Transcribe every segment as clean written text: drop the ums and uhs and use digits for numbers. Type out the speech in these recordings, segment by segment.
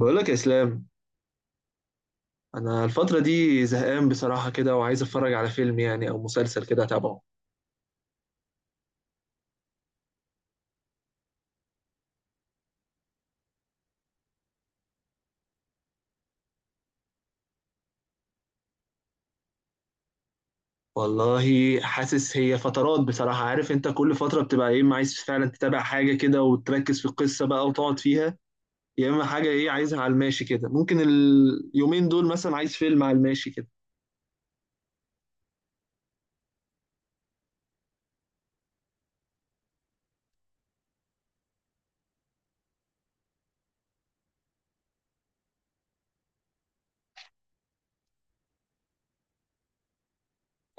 بقولك يا إسلام، أنا الفترة دي زهقان بصراحة كده وعايز أتفرج على فيلم يعني أو مسلسل كده أتابعه. والله حاسس هي فترات بصراحة، عارف أنت كل فترة بتبقى يا إما عايز فعلا تتابع حاجة كده وتركز في القصة بقى وتقعد فيها، يا إما حاجة إيه عايزها على الماشي كده. ممكن اليومين دول مثلا عايز فيلم على الماشي كده.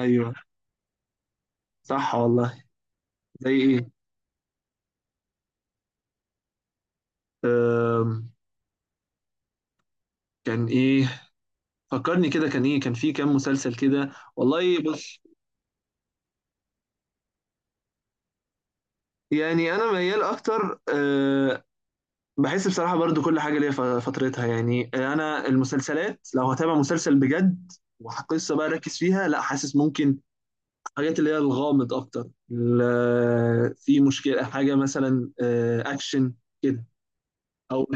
أيوه. صح والله. زي إيه؟ أم، كان إيه؟ فكرني كده كان إيه، كان في كام مسلسل كده؟ والله بص، يعني انا ميال اكتر بحس بصراحة برضو كل حاجة ليها فترتها. يعني أنا المسلسلات لو هتابع مسلسل بجد وقصة بقى ركز فيها، لا حاسس ممكن حاجات اللي هي الغامض أكتر، في مشكلة، حاجة مثلا أكشن كده. أو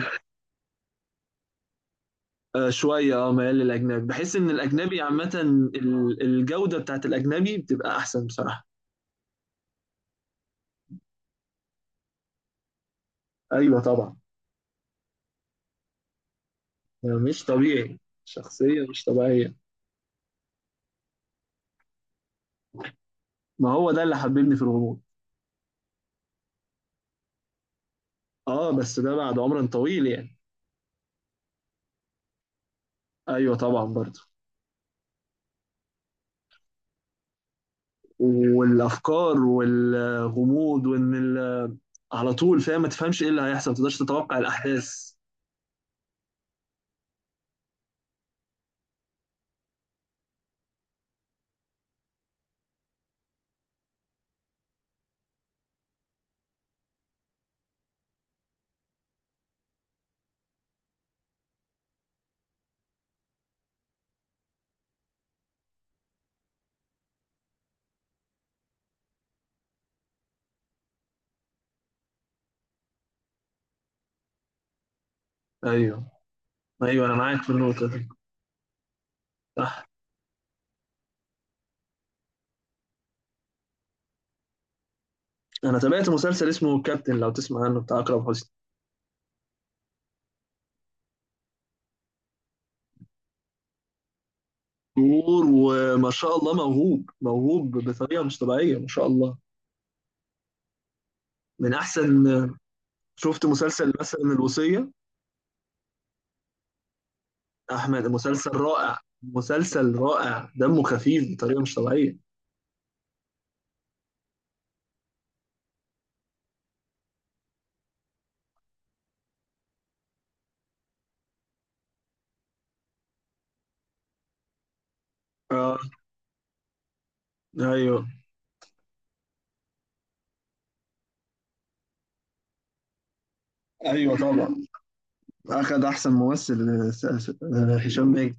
شوية أه ميال للأجنبي، بحس إن الأجنبي عامة الجودة بتاعت الأجنبي بتبقى أحسن بصراحة. أيوة طبعا. مش طبيعي، شخصية مش طبيعية. ما هو ده اللي حببني في الغموض. أه بس ده بعد عمر طويل يعني. أيوة طبعا برضو. والافكار والغموض وان على طول فاهم ما تفهمش ايه اللي هيحصل، ما تقدرش تتوقع الاحداث. ايوه. ايوه انا معاك في النقطه دي. صح. انا تابعت مسلسل اسمه كابتن، لو تسمع عنه، بتاع اكرم حسني. دور وما شاء الله موهوب موهوب بطريقه مش طبيعيه ما شاء الله. من احسن. شفت مسلسل مثلا الوصيه؟ احمد، مسلسل رائع. مسلسل رائع، دمه خفيف بطريقه مش طبيعيه. اه. ايوه. ايوه طبعا. أخد أحسن ممثل هشام ماجد.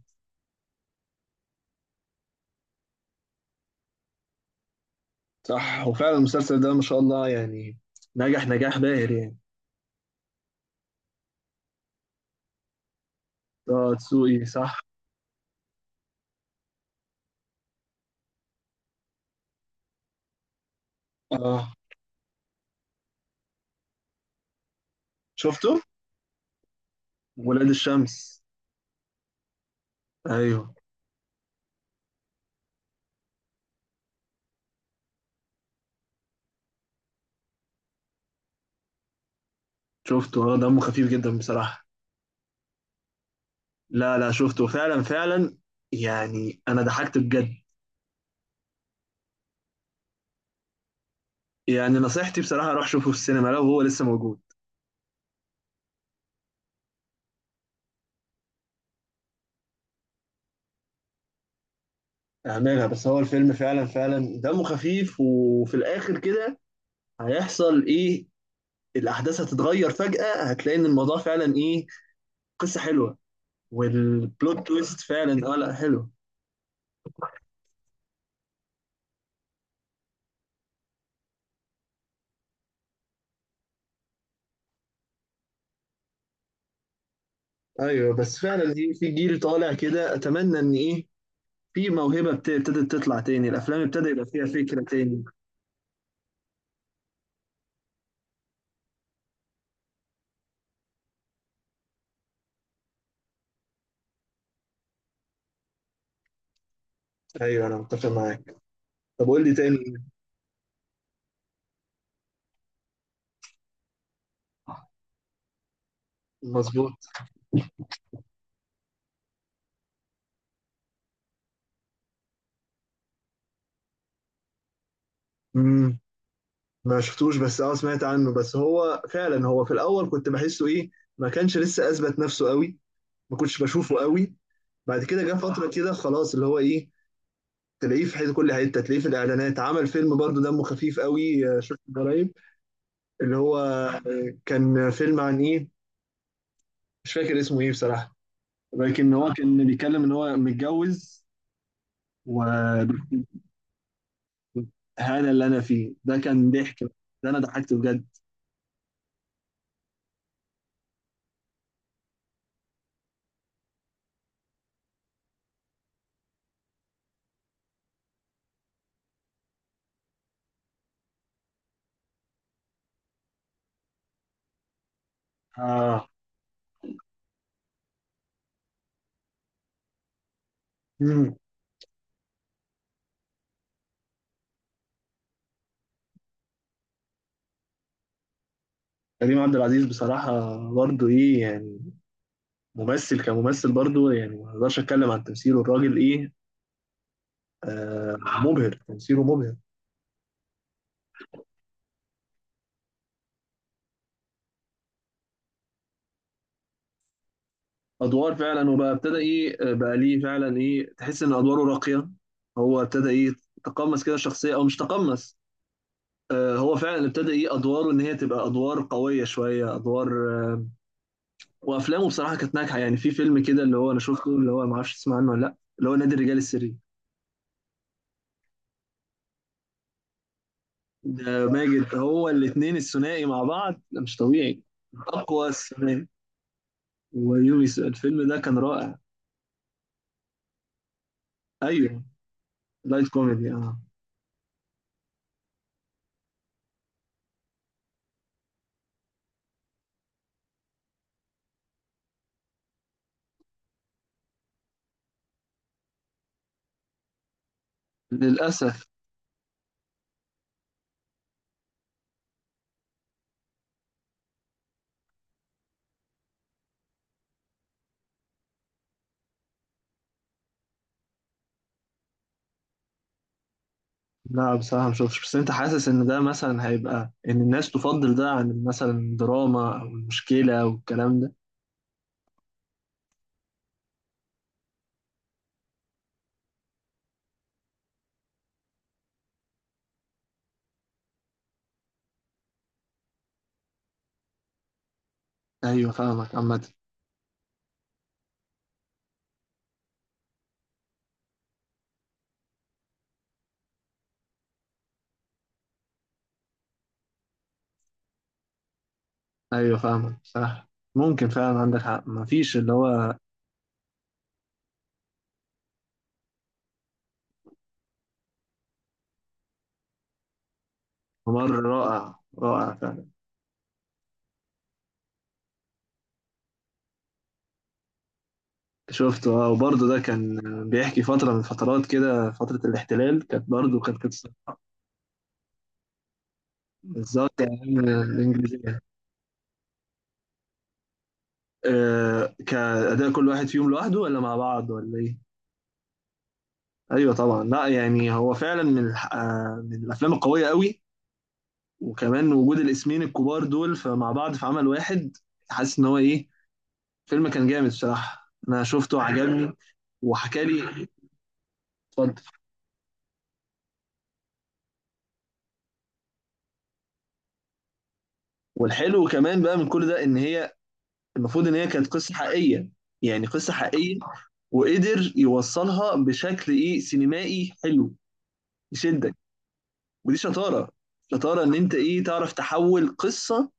صح، وفعلا المسلسل ده ما شاء الله يعني نجح نجاح باهر يعني. اه دسوقي صح. اه شفته، ولاد الشمس. ايوه. شفته، اه دمه خفيف جدا بصراحة. لا لا شفته فعلا فعلا، يعني انا ضحكت بجد. يعني نصيحتي بصراحة روح شوفه في السينما لو هو لسه موجود. اعملها. بس هو الفيلم فعلا فعلا دمه خفيف، وفي الاخر كده هيحصل ايه؟ الاحداث هتتغير فجأة، هتلاقي ان الموضوع فعلا ايه، قصة حلوة. والبلوت تويست فعلا اه لا حلو. ايوه، بس فعلا في جيل طالع كده، اتمنى ان ايه، في موهبة ابتدت تطلع تاني، الافلام ابتدى يبقى فيها فكرة تاني. ايوه انا متفق معاك. طب قول لي تاني. مظبوط. امم، ما شفتوش بس اه سمعت عنه. بس هو فعلا هو في الاول كنت بحسه ايه، ما كانش لسه اثبت نفسه قوي، ما كنتش بشوفه قوي. بعد كده جه فترة كده خلاص اللي هو ايه، تلاقيه في حته، كل حته تلاقيه، في الاعلانات، عمل فيلم برضه دمه خفيف قوي شفته قريب اللي هو، كان فيلم عن ايه، مش فاكر اسمه ايه بصراحة، لكن هو كان بيتكلم ان هو متجوز وهذا. اللي انا فيه ده كان ضحك، ده انا ضحكت بجد. اه. مم. كريم عبد العزيز بصراحة برضه ايه يعني، ممثل كممثل برضه يعني ما اقدرش اتكلم عن تمثيله، الراجل ايه، آه، مبهر، تمثيله مبهر. ادوار فعلا، وبقى ابتدى ايه بقى ليه فعلا ايه، تحس ان ادواره راقية. هو ابتدى ايه، تقمص كده الشخصية او مش تقمص، هو فعلا ابتدى ايه ادواره، ان هي تبقى ادوار قويه، شويه ادوار آه، وافلامه بصراحه كانت ناجحه يعني. في فيلم كده اللي هو انا شفته، اللي هو ما اعرفش تسمع عنه ولا لا، اللي هو نادي الرجال السري. ده ماجد، هو الاثنين الثنائي مع بعض ده مش طبيعي. اقوى الثنائي ويونس. الفيلم ده كان رائع. ايوه. لايت كوميدي اه. للاسف. لا بصراحه ما شفتش، بس انت حاسس ان ده مثلا هيبقى ان الناس تفضل ده عن مثلا دراما او مشكله والكلام ده؟ ايوه فاهمك عامه. ايوه فاهمك صح، ممكن فعلا عندك حق، مفيش اللي هو. ممر رائع، رائع فعلا. شفته اه، وبرضه ده كان بيحكي فترة من فترات كده، فترة الاحتلال، كانت برضه كانت قصة. بالظبط يعني. الإنجليزية. آه، كأداء كل واحد فيهم لوحده ولا مع بعض ولا إيه؟ أيوه طبعا، لا يعني هو فعلا من من الأفلام القوية قوي. وكمان وجود الاسمين الكبار دول فمع بعض في عمل واحد، حاسس إن هو إيه، فيلم كان جامد الصراحة، أنا شفته وعجبني. وحكى لي. اتفضل. والحلو كمان بقى من كل ده إن هي المفروض إن هي كانت قصة حقيقية، يعني قصة حقيقية، وقدر يوصلها بشكل إيه سينمائي حلو، يشدك. ودي شطارة، شطارة إن أنت إيه تعرف تحول قصة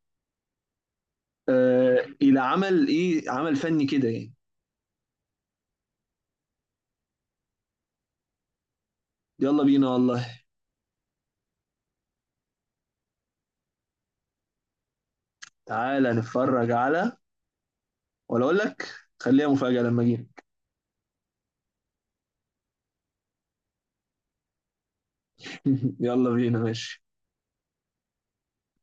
آه إلى عمل إيه، عمل فني كده يعني. يلا بينا والله. تعالى نتفرج على، ولا أقول لك، خليها مفاجأة لما أجي. يلا بينا ماشي.